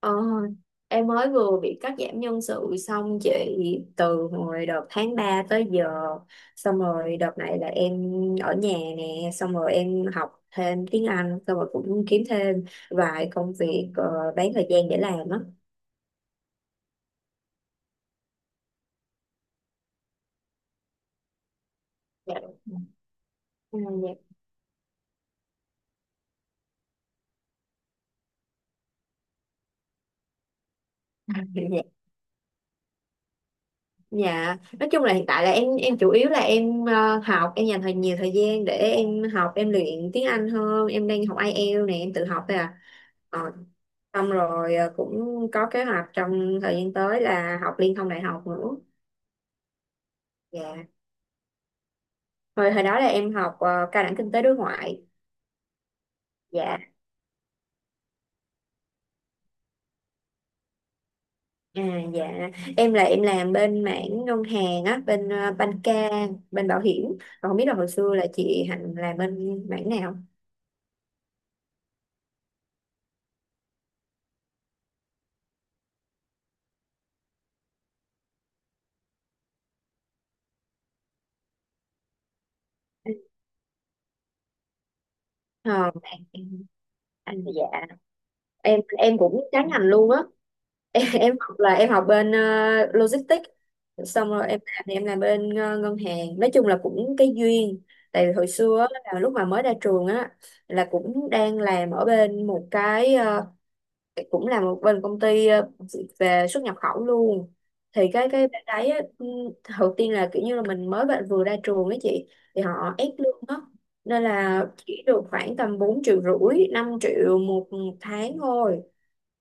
Ờ, em mới vừa bị cắt giảm nhân sự xong chị, từ hồi đợt tháng 3 tới giờ. Xong rồi đợt này là em ở nhà nè, xong rồi em học thêm tiếng Anh, xong rồi cũng kiếm thêm vài công việc bán thời gian để làm á. Dạ, đúng. Ừ, dạ. Dạ. Dạ, nói chung là hiện tại là em chủ yếu là em học, em dành thời nhiều thời gian để em học, em luyện tiếng Anh hơn, em đang học IELTS này, em tự học thôi à. Ờ, Xong rồi cũng có kế hoạch trong thời gian tới là học liên thông đại học nữa. Dạ. Hồi hồi đó là em học cao đẳng kinh tế đối ngoại. Dạ. À, dạ, em là em làm bên mảng ngân hàng á, bên bên bảo hiểm. Còn không biết là hồi xưa là chị Hạnh làm bên mảng nào? Ờ, mảng- anh, dạ, em cũng trái ngành luôn á. Em, học là em học bên logistics, xong rồi em làm thì em làm bên ngân hàng, nói chung là cũng cái duyên. Tại vì hồi xưa á, là lúc mà mới ra trường á, là cũng đang làm ở bên một cái cũng làm một bên công ty về xuất nhập khẩu luôn. Thì cái bên đấy á, ừ, đầu tiên là kiểu như là mình mới bạn vừa ra trường ấy chị, thì họ ép lương á, nên là chỉ được khoảng tầm 4,5 triệu, 5 triệu một tháng thôi.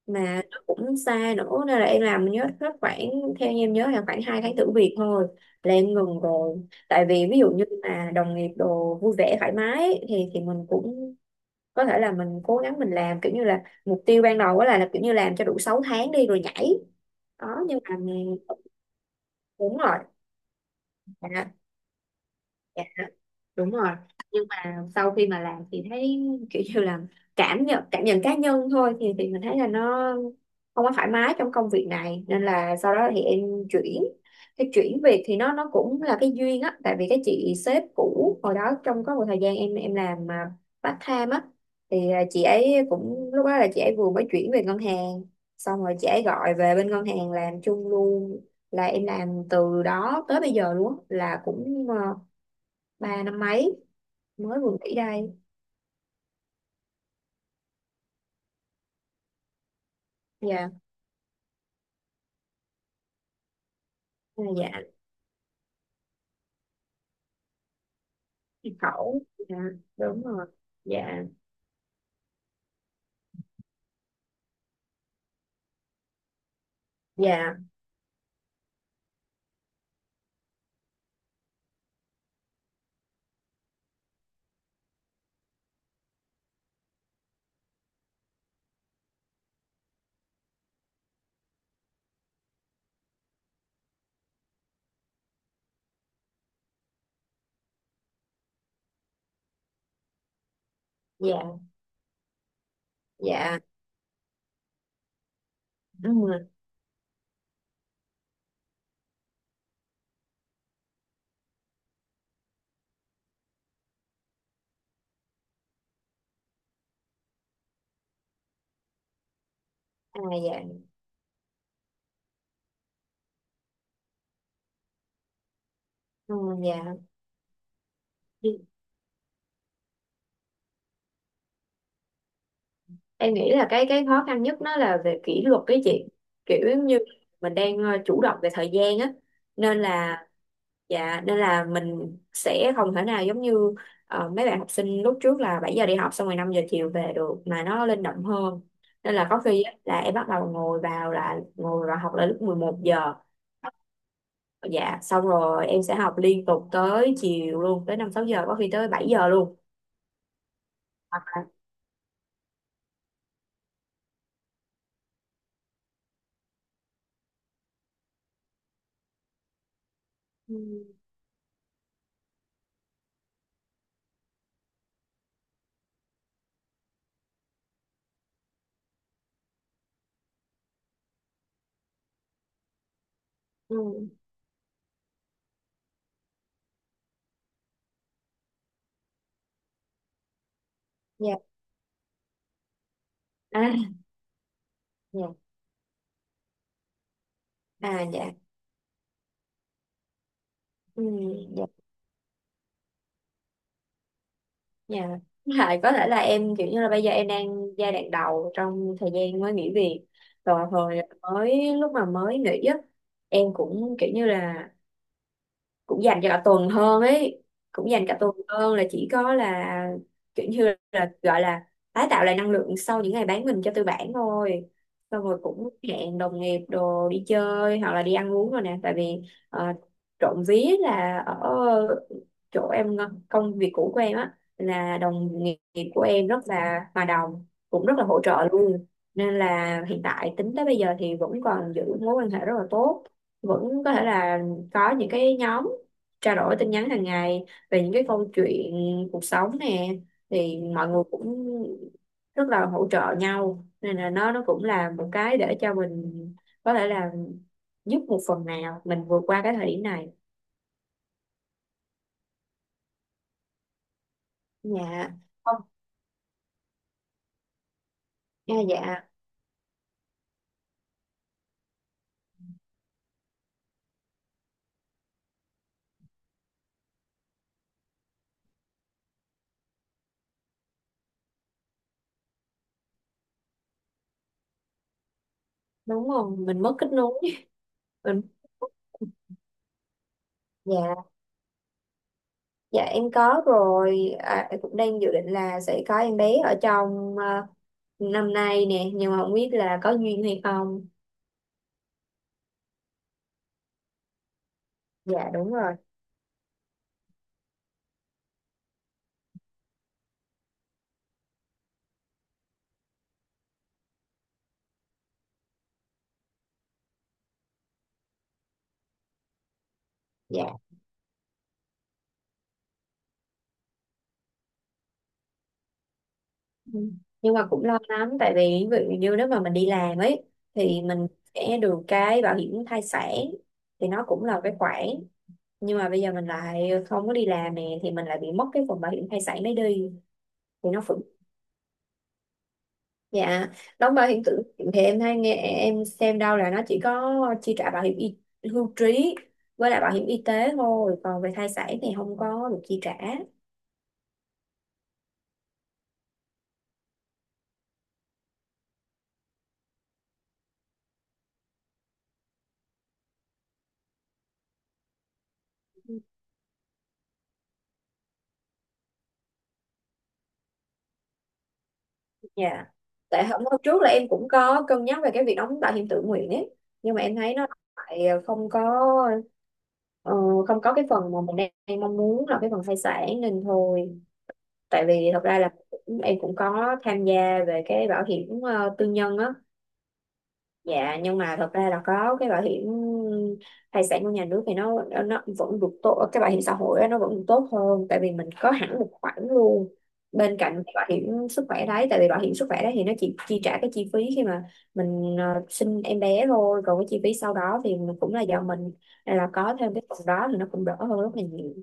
Mà nó cũng xa nữa, nên là em làm nhớ hết khoảng, theo như em nhớ là khoảng 2 tháng thử việc thôi là em ngừng rồi. Tại vì ví dụ như mà đồng nghiệp đồ vui vẻ thoải mái ấy, thì mình cũng có thể là mình cố gắng mình làm, kiểu như là mục tiêu ban đầu đó là kiểu như làm cho đủ 6 tháng đi rồi nhảy đó. Nhưng mà đúng rồi, dạ, dạ, đúng rồi. À, sau khi mà làm thì thấy kiểu như là cảm nhận cá nhân thôi, thì mình thấy là nó không có thoải mái trong công việc này nên là sau đó thì em chuyển. Cái chuyển việc thì nó cũng là cái duyên á, tại vì cái chị sếp cũ hồi đó, trong có một thời gian em làm à, part time á, thì à, chị ấy cũng lúc đó là chị ấy vừa mới chuyển về ngân hàng, xong rồi chị ấy gọi về bên ngân hàng làm chung luôn, là em làm từ đó tới bây giờ luôn á, là cũng à, 3 năm mấy mới vừa nghỉ đây. Dạ. À, dạ. Nhân khẩu. Dạ, đúng rồi. Dạ. Dạ. Dạ. Dạ. Ừ. À, dạ. Ừ, dạ. Em nghĩ là cái khó khăn nhất nó là về kỷ luật cái chị, kiểu giống như mình đang chủ động về thời gian á, nên là, dạ, nên là mình sẽ không thể nào giống như mấy bạn học sinh lúc trước là 7 giờ đi học xong rồi 5 giờ chiều về được, mà nó linh động hơn. Nên là có khi á, là em bắt đầu ngồi vào, là ngồi vào học là lúc 11 giờ, dạ, xong rồi em sẽ học liên tục tới chiều luôn, tới 5-6 giờ, có khi tới 7 giờ luôn. Hoặc là, ừ, ừ, dạ, à, dạ, à, dạ, ừ, dạ, dạ. Lại có thể là em kiểu như là bây giờ em đang giai đoạn đầu trong thời gian mới nghỉ việc, rồi hồi mới lúc mà mới nghỉ á em cũng kiểu như là cũng dành cho cả tuần hơn ấy, cũng dành cả tuần hơn, là chỉ có là kiểu như là gọi là tái tạo lại năng lượng sau những ngày bán mình cho tư bản thôi. Xong rồi cũng hẹn đồng nghiệp đồ đi chơi hoặc là đi ăn uống rồi nè. Tại vì ờ, trộm vía là ở chỗ em, công việc cũ của em á, là đồng nghiệp của em rất là hòa đồng, cũng rất là hỗ trợ luôn, nên là hiện tại tính tới bây giờ thì vẫn còn giữ mối quan hệ rất là tốt, vẫn có thể là có những cái nhóm trao đổi tin nhắn hàng ngày về những cái câu chuyện cuộc sống nè. Thì mọi người cũng rất là hỗ trợ nhau, nên là nó cũng là một cái để cho mình có thể là giúp một phần nào mình vượt qua cái thời điểm này. Dạ, không. À, dạ, đúng rồi, mình mất kết nối. Mình. Dạ. Dạ em có rồi. À, em cũng đang dự định là sẽ có em bé ở trong năm nay nè, nhưng mà không biết là có duyên hay không. Dạ, đúng rồi. Dạ. Ừ. Nhưng mà cũng lo lắm, tại vì ví dụ như nếu mà mình đi làm ấy thì mình sẽ được cái bảo hiểm thai sản, thì nó cũng là cái khoản, nhưng mà bây giờ mình lại không có đi làm nè thì mình lại bị mất cái phần bảo hiểm thai sản đấy đi, thì nó cũng, dạ, đóng bảo hiểm tự nguyện thì em hay nghe em xem đâu là nó chỉ có chi trả bảo hiểm y, hưu trí với lại bảo hiểm y tế thôi, còn về thai sản thì không có được chi trả. Dạ. Tại hôm hôm trước là em cũng có cân nhắc về cái việc đóng bảo hiểm tự nguyện ấy, nhưng mà em thấy nó lại không có ờ, không có cái phần mà mình đang mong muốn là cái phần thai sản nên thôi. Tại vì thật ra là cũng, em cũng có tham gia về cái bảo hiểm tư nhân á. Dạ, nhưng mà thật ra là có cái bảo hiểm thai sản của nhà nước thì nó vẫn được tốt, cái bảo hiểm xã hội á, nó vẫn được tốt hơn, tại vì mình có hẳn một khoản luôn bên cạnh cái bảo hiểm sức khỏe đấy, tại vì bảo hiểm sức khỏe đấy thì nó chỉ chi trả cái chi phí khi mà mình sinh em bé thôi, còn cái chi phí sau đó thì mình cũng là do mình. Nên là có thêm cái phần đó thì nó cũng đỡ hơn rất là nhiều.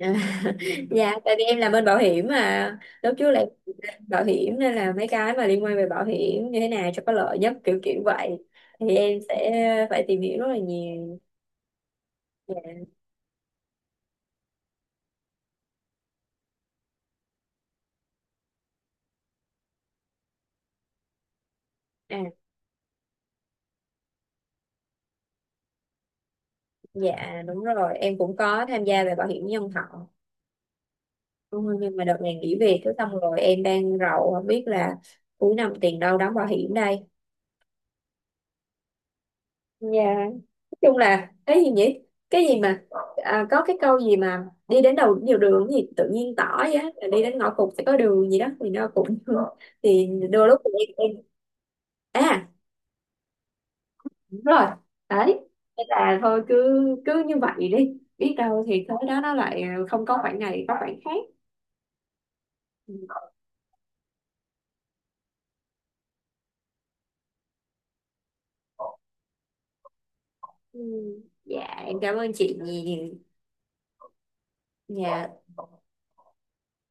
À, dạ, tại vì em làm bên bảo hiểm, mà lúc trước là em làm bảo hiểm, nên là mấy cái mà liên quan về bảo hiểm như thế nào cho có lợi nhất kiểu kiểu vậy thì em sẽ phải tìm hiểu rất là nhiều. Dạ. À, dạ, đúng rồi, em cũng có tham gia về bảo hiểm nhân thọ. Ừ, nhưng mà đợt này nghỉ việc cứ xong rồi em đang rầu, không biết là cuối năm tiền đâu đóng bảo hiểm đây. Dạ. Nói chung là cái gì nhỉ? Cái gì mà, à, có cái câu gì mà đi đến đầu nhiều đường gì tự nhiên tỏ vậy á, là đi đến ngõ cụt sẽ có đường gì đó, thì nó cũng thì đôi lúc thì em à, đúng rồi, đấy, thế là thôi cứ cứ như vậy đi, biết đâu thì tới đó nó lại không có khoảng này có khoảng khác. Ừ, dạ, em cảm ơn chị nhiều. Dạ.